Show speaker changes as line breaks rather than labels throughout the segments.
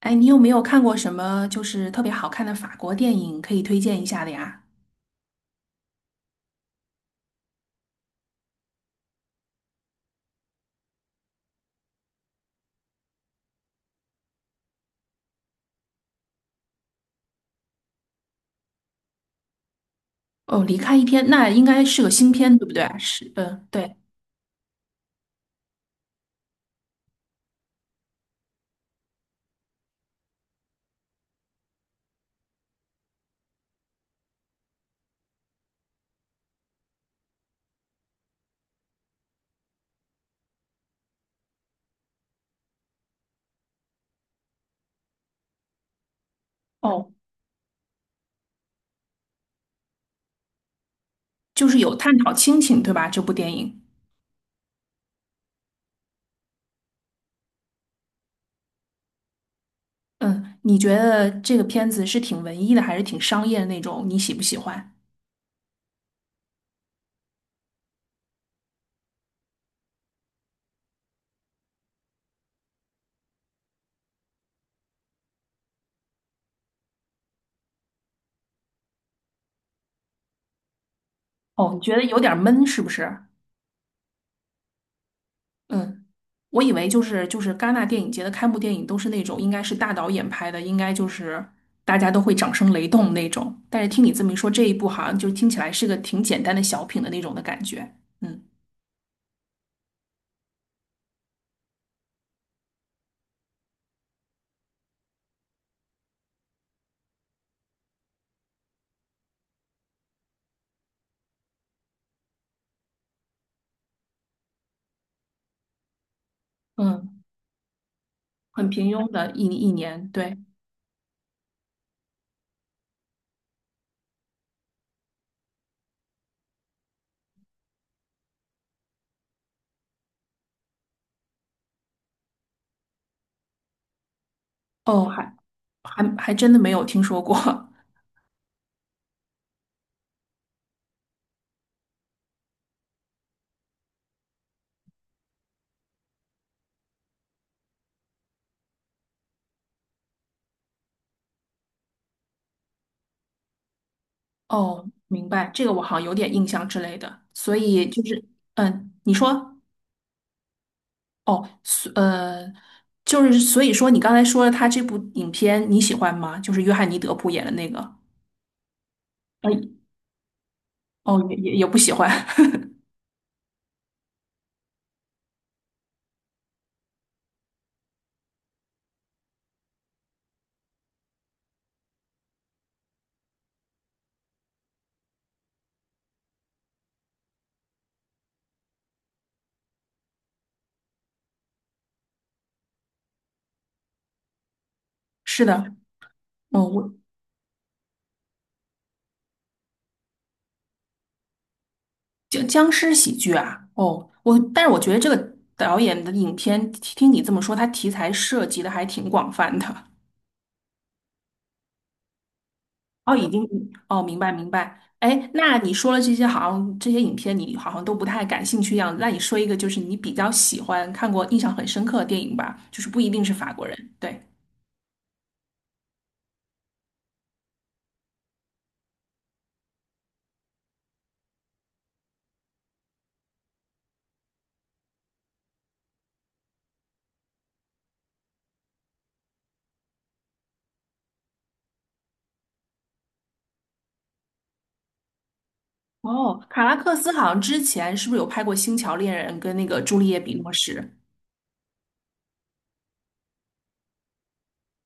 哎，你有没有看过什么就是特别好看的法国电影可以推荐一下的呀？哦，离开一天，那应该是个新片，对不对？是，嗯，对，哦，就是有探讨亲情，对吧？这部电影。嗯，你觉得这个片子是挺文艺的，还是挺商业的那种？你喜不喜欢？哦，你觉得有点闷，是不是？嗯，我以为就是戛纳电影节的开幕电影都是那种应该是大导演拍的，应该就是大家都会掌声雷动那种。但是听你这么一说，这一部好像就听起来是个挺简单的小品的那种的感觉。嗯嗯，很平庸的一年，对。哦，还真的没有听说过。哦，明白，这个我好像有点印象之类的。所以就是，嗯，你说。哦，就是所以说，你刚才说他这部影片你喜欢吗？就是约翰尼·德普演的那个。哎，哦，也不喜欢。是的。哦，我僵尸喜剧啊，哦，我但是我觉得这个导演的影片，听你这么说，他题材涉及的还挺广泛的。哦，已经。哦，明白明白。哎，那你说了这些，好像这些影片你好像都不太感兴趣一样。那你说一个，就是你比较喜欢、看过、印象很深刻的电影吧，就是不一定是法国人。对。哦，卡拉克斯好像之前是不是有拍过《星桥恋人》跟那个《朱丽叶比诺什》？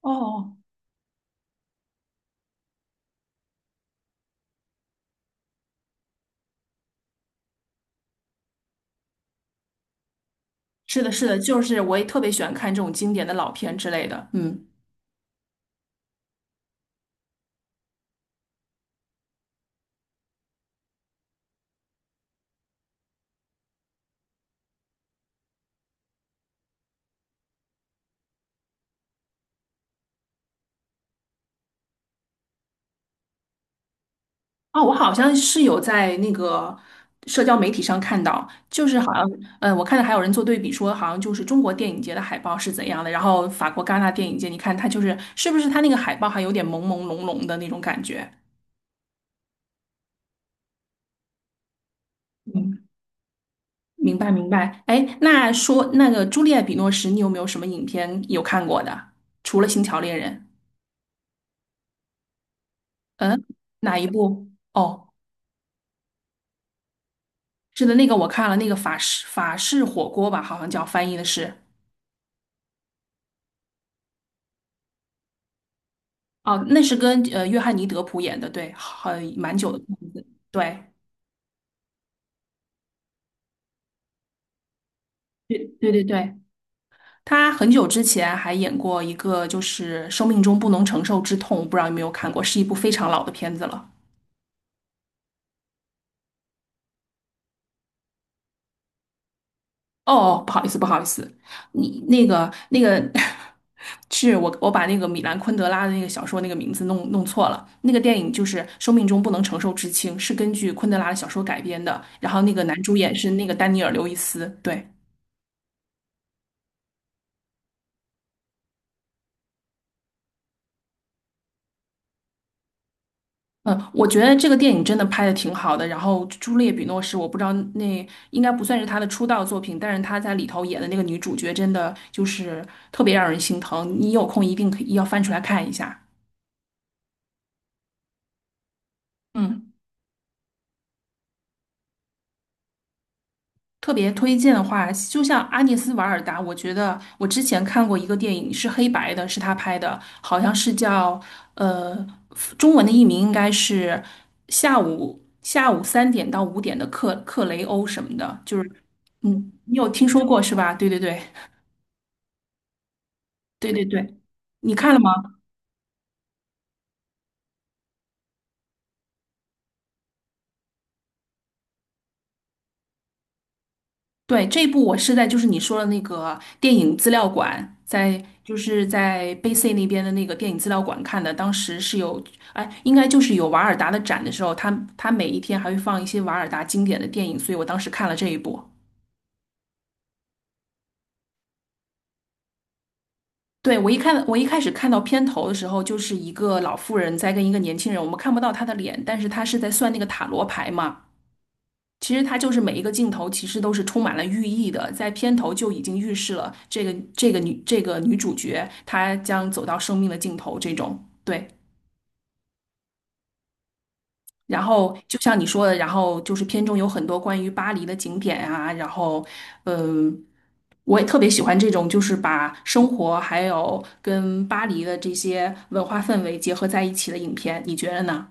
哦，是的，是的，就是我也特别喜欢看这种经典的老片之类的。嗯，哦，我好像是有在那个社交媒体上看到，就是好像，嗯，我看到还有人做对比说，好像就是中国电影节的海报是怎样的，然后法国戛纳电影节，你看它就是是不是它那个海报还有点朦朦胧胧的那种感觉？嗯，明白明白。哎，那说那个朱丽叶·比诺什，你有没有什么影片有看过的？除了《星桥恋人》。嗯，哪一部？哦，是的，那个我看了，那个法式火锅吧，好像叫翻译的是。哦，那是跟约翰尼·德普演的，对，很蛮久的片子，对。对对对对，他很久之前还演过一个，就是《生命中不能承受之痛》，不知道有没有看过，是一部非常老的片子了。哦，哦不好意思，不好意思，你那个 是我把那个米兰昆德拉的那个小说那个名字弄错了。那个电影就是《生命中不能承受之轻》，是根据昆德拉的小说改编的。然后那个男主演是那个丹尼尔·刘易斯。对，嗯，我觉得这个电影真的拍的挺好的。然后朱丽叶·比诺是我不知道那应该不算是他的出道作品，但是他在里头演的那个女主角真的就是特别让人心疼。你有空一定可以要翻出来看一下。嗯。特别推荐的话，就像阿涅斯瓦尔达，我觉得我之前看过一个电影是黑白的，是他拍的，好像是叫呃，中文的译名应该是下午3点到5点的克雷欧什么的，就是你有听说过是吧？对对对对对对，你看了吗？对，这一部我是在就是你说的那个电影资料馆，在就是在 B C 那边的那个电影资料馆看的。当时是有，哎，应该就是有瓦尔达的展的时候，他每一天还会放一些瓦尔达经典的电影，所以我当时看了这一部。对，我一开始看到片头的时候，就是一个老妇人在跟一个年轻人，我们看不到她的脸，但是她是在算那个塔罗牌嘛。其实它就是每一个镜头其实都是充满了寓意的，在片头就已经预示了这个这个女这个女主角她将走到生命的尽头这种对。然后就像你说的，然后就是片中有很多关于巴黎的景点啊，然后嗯、我也特别喜欢这种就是把生活还有跟巴黎的这些文化氛围结合在一起的影片，你觉得呢？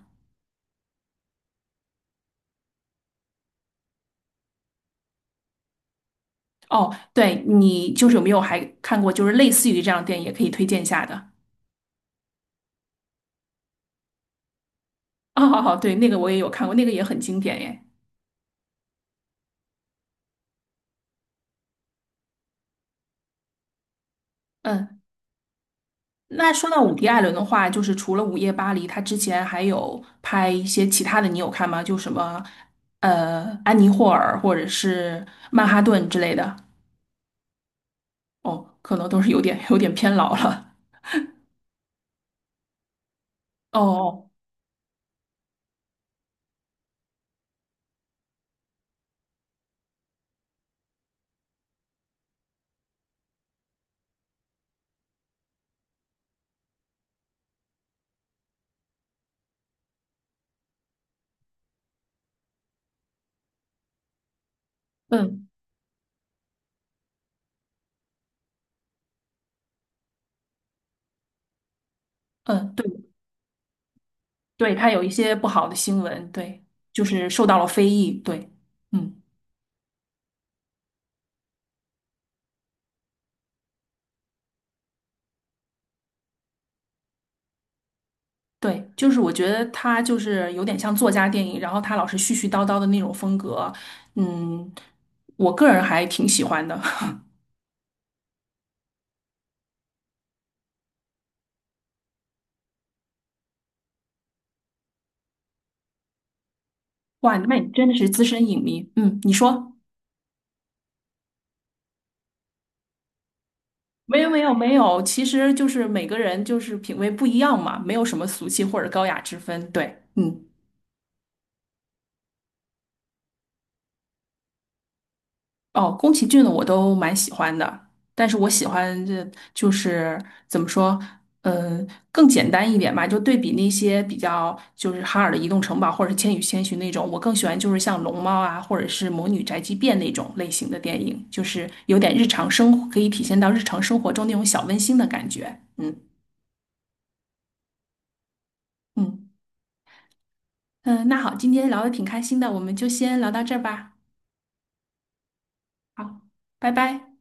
哦，对，你就是有没有还看过就是类似于这样的电影，也可以推荐一下的。哦哦哦，对，那个我也有看过，那个也很经典耶。嗯，那说到伍迪·艾伦的话，就是除了《午夜巴黎》，他之前还有拍一些其他的，你有看吗？就什么《安妮霍尔》或者是《曼哈顿》之类的。哦，可能都是有点偏老了。哦哦，嗯嗯，对对，他有一些不好的新闻，对，就是受到了非议，对，嗯。对，就是我觉得他就是有点像作家电影，然后他老是絮絮叨叨的那种风格，嗯，我个人还挺喜欢的。哇，那你真的是资深影迷，嗯，你说？没有没有没有，其实就是每个人就是品味不一样嘛，没有什么俗气或者高雅之分。对，嗯。哦，宫崎骏的我都蛮喜欢的，但是我喜欢就是怎么说，嗯，更简单一点吧，就对比那些比较就是哈尔的《移动城堡》或者是《千与千寻》那种，我更喜欢就是像《龙猫》啊，或者是《魔女宅急便》那种类型的电影，就是有点日常生活，可以体现到日常生活中那种小温馨的感觉。嗯嗯嗯，那好，今天聊的挺开心的，我们就先聊到这儿吧。好，拜拜。